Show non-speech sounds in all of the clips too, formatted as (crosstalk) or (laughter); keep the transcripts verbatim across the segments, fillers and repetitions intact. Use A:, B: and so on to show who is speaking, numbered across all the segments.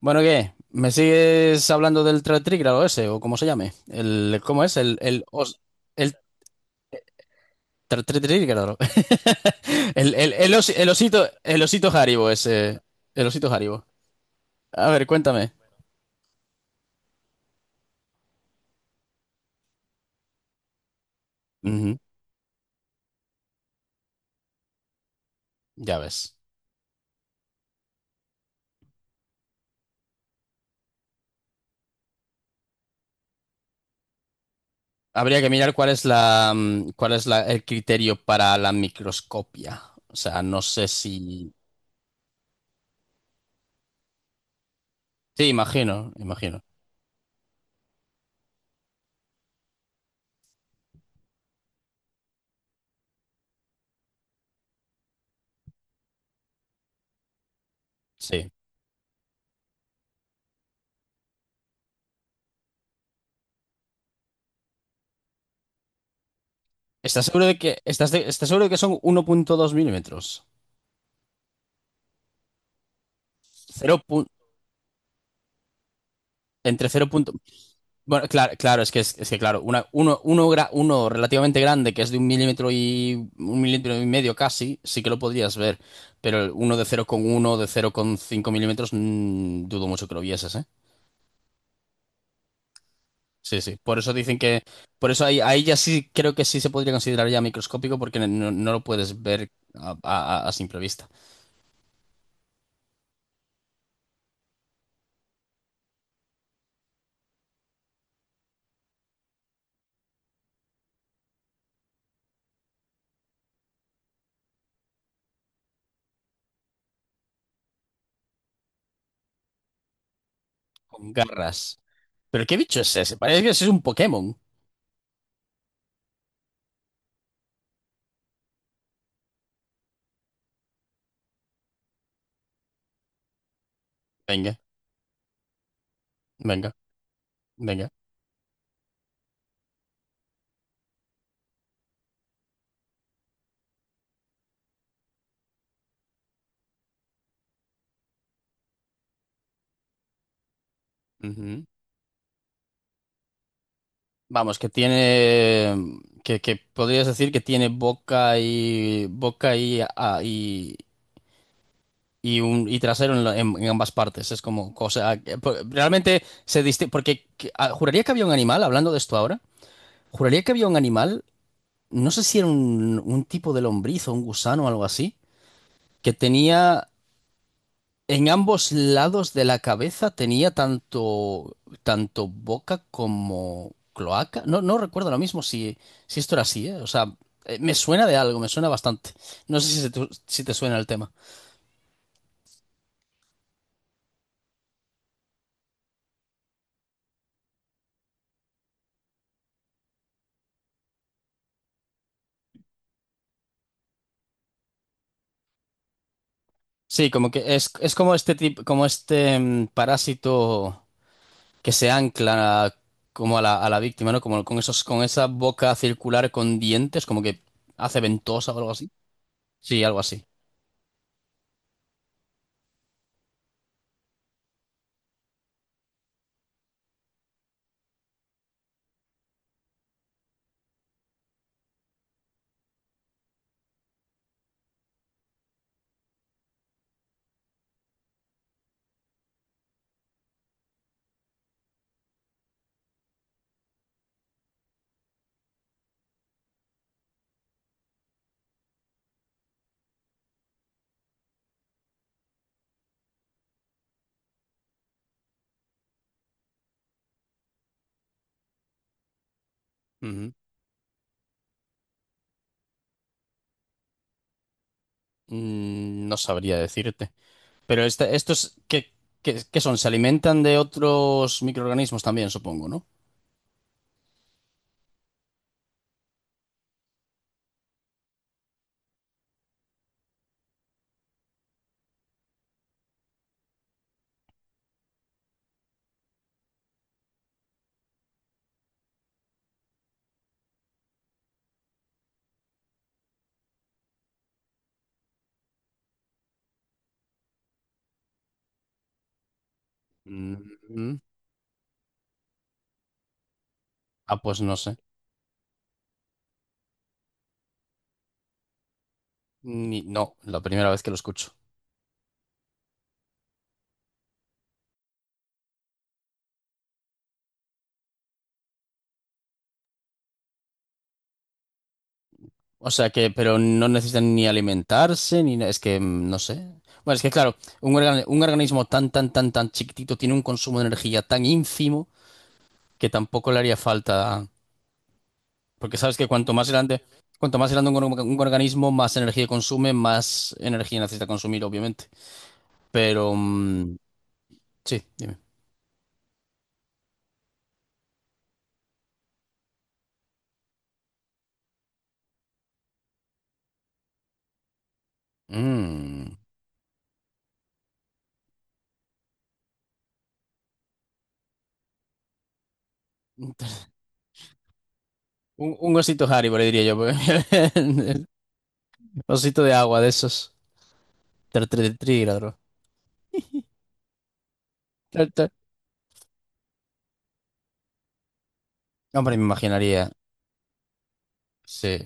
A: Bueno, ¿qué? ¿Me sigues hablando del tra- trígrado ese o cómo se llame? El, ¿cómo es? El, el, os- el tra- tri- trígrado. (laughs) El, el, el os- el osito, el osito Haribo ese. El osito Haribo. A ver, cuéntame. Ujú, ya ves. Habría que mirar cuál es la, mm, cuál es la, el criterio para la microscopia. O sea, no sé si... Sí, imagino, imagino. Sí. ¿Estás seguro de que, estás de- estás seguro de que son uno coma dos milímetros? Cero pu- entre cero. Bueno, claro, claro, es que es, es que claro, una, uno, uno, gra- uno relativamente grande, que es de un milímetro y un milímetro y medio casi, sí que lo podrías ver. Pero el uno de cero coma uno, de cero coma cinco milímetros, mm, dudo mucho que lo vieses, ¿eh? Sí, sí. Por eso dicen que. Por eso ahí, ahí ya sí creo que sí se podría considerar ya microscópico, porque no, no lo puedes ver a, a- a simple vista. Con garras. ¿Pero qué bicho es ese? Parece que ese es un Pokémon. Venga, venga, venga. Ujú. Vamos, que tiene, que, que podrías decir que tiene boca y boca y, ah, y, y un y trasero en, la- en- en ambas partes. Es como cosa que- po- realmente se distingue porque que- ah, juraría que había un animal, hablando de esto ahora, juraría que había un animal, no sé si era un, un tipo de lombriz o un gusano o algo así, que tenía en ambos lados de la cabeza. Tenía tanto, tanto boca como cloaca. No, no recuerdo ahora mismo si, si esto era así, ¿eh? O sea, eh, me suena de algo, me suena bastante. No sé si, se tu- si te suena el tema. Sí, como que es, es como este tipo, como este mm, parásito que se ancla como a la, a la víctima, ¿no? Como con esos, con esa boca circular con dientes, como que hace ventosa o algo así. Sí, algo así. Ujú. Mm, no sabría decirte. Pero esta- estos, ¿qué, qué- qué son? Se alimentan de otros microorganismos también, supongo, ¿no? Mm, ah, pues no sé. Ni- no, la primera vez que lo escucho. O sea que, pero no necesitan ni alimentarse, ni na- es que mm, no sé. Bueno, es que claro, un, organ- un organismo tan, tan, tan, tan chiquitito tiene un consumo de energía tan ínfimo que tampoco le haría falta. Porque sabes que cuanto más grande, cuanto más grande un, or- un organismo, más energía consume, más energía necesita consumir, obviamente. Pero mm, sí, dime. Mm. Un, un osito Haribo, le diría yo. Porque... (laughs) Osito de agua de esos. Tr- tr- Trígrado. Tr- tr- Hombre, me imaginaría. Sí.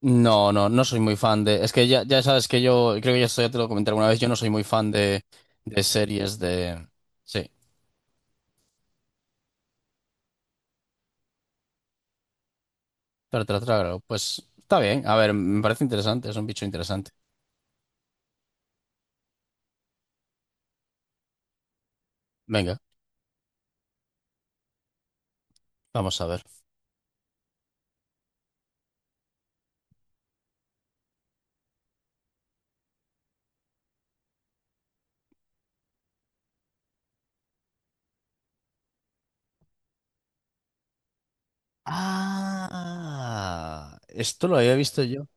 A: No, no, no soy muy fan de. Es que ya, ya sabes que yo, creo que ya, esto ya te lo comenté alguna vez, yo no soy muy fan de, de series de. Sí. Tr- tr- trágalo. Pues está bien. A ver, me parece interesante, es un bicho interesante. Venga, vamos a ver. Ah, esto lo había visto yo.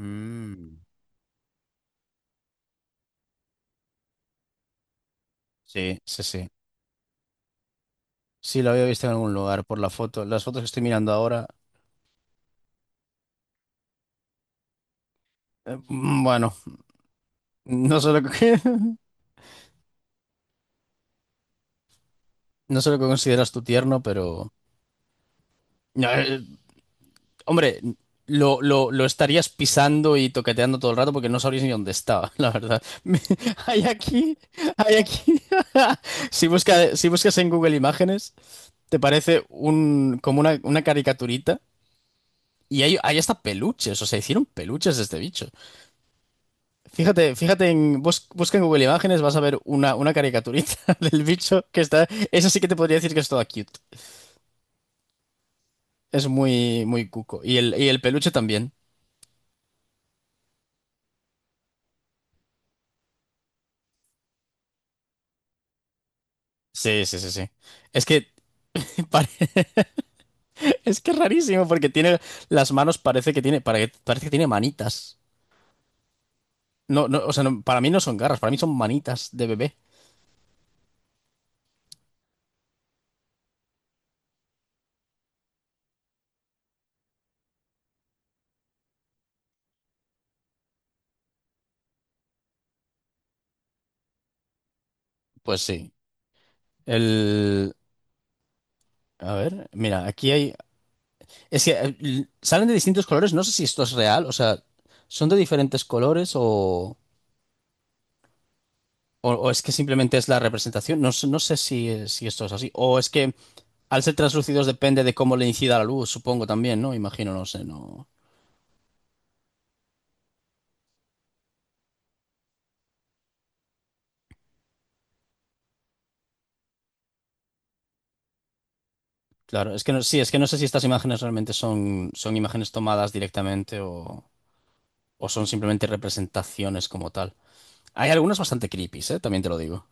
A: Mm. Sí, sí, sí. Sí, lo había visto en algún lugar por la foto. Las fotos que estoy mirando ahora, eh, mm, bueno, (laughs) no sé lo que, (laughs) no sé lo que consideras tu tierno, pero... no, eh, hombre, lo, lo, lo estarías pisando y toqueteando todo el rato porque no sabrías ni dónde estaba, la verdad. (laughs) Me... Hay aquí, hay aquí. (laughs) Si busca, si buscas en Google Imágenes, te parece un, como una, una caricaturita y hay, hay hasta peluches, o sea, hicieron peluches de este bicho. Fíjate, fíjate en, bus- busca en Google Imágenes, vas a ver una, una caricaturita (laughs) del bicho que está. Eso sí que te podría decir que es toda cute. Es muy, muy cuco. Y el, y el peluche también. Sí, sí, sí, sí. Es que (laughs) pare... es que es rarísimo porque tiene las manos. Parece que tiene pare- parece que tiene manitas. No, no, o sea, no, para mí no son garras, para mí son manitas de bebé. Pues sí. El... A ver, mira, aquí hay... es que eh, l- salen de distintos colores, no sé si esto es real, o sea, son de diferentes colores o... O, o es que simplemente es la representación. No, sé- no sé si, si esto es así. O es que al ser translúcidos depende de cómo le incida la luz, supongo también, ¿no? Imagino, no sé, no. Claro, es que no, sí, es que no sé si estas imágenes realmente son, son imágenes tomadas directamente o, o son simplemente representaciones como tal. Hay algunas bastante creepy, ¿eh? También te lo digo.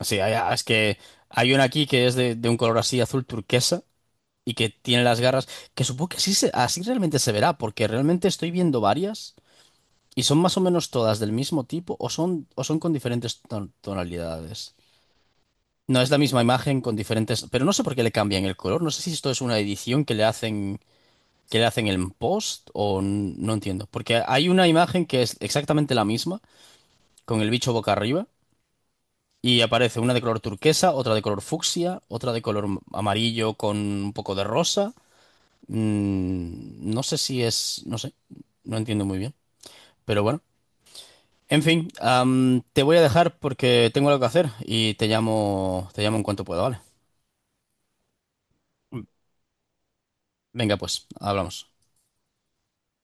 A: Sí, hay... ah, es que hay una aquí que es de, de un color así azul turquesa y que tiene las garras, que supongo que así, se- así realmente se verá, porque realmente estoy viendo varias. ¿Y son más o menos todas del mismo tipo o son, o son con diferentes ton- tonalidades? No, es la misma imagen con diferentes... Pero no sé por qué le cambian el color. No sé si esto es una edición que le hacen, que le hacen en post o n- no entiendo. Porque hay una imagen que es exactamente la misma, con el bicho boca arriba, y aparece una de color turquesa, otra de color fucsia, otra de color amarillo con un poco de rosa. Mm, no sé si es... No sé. No entiendo muy bien. Pero bueno. En fin, am, te voy a dejar porque tengo algo que hacer y te llamo, te llamo en cuanto pueda, ¿vale? Venga, pues, hablamos.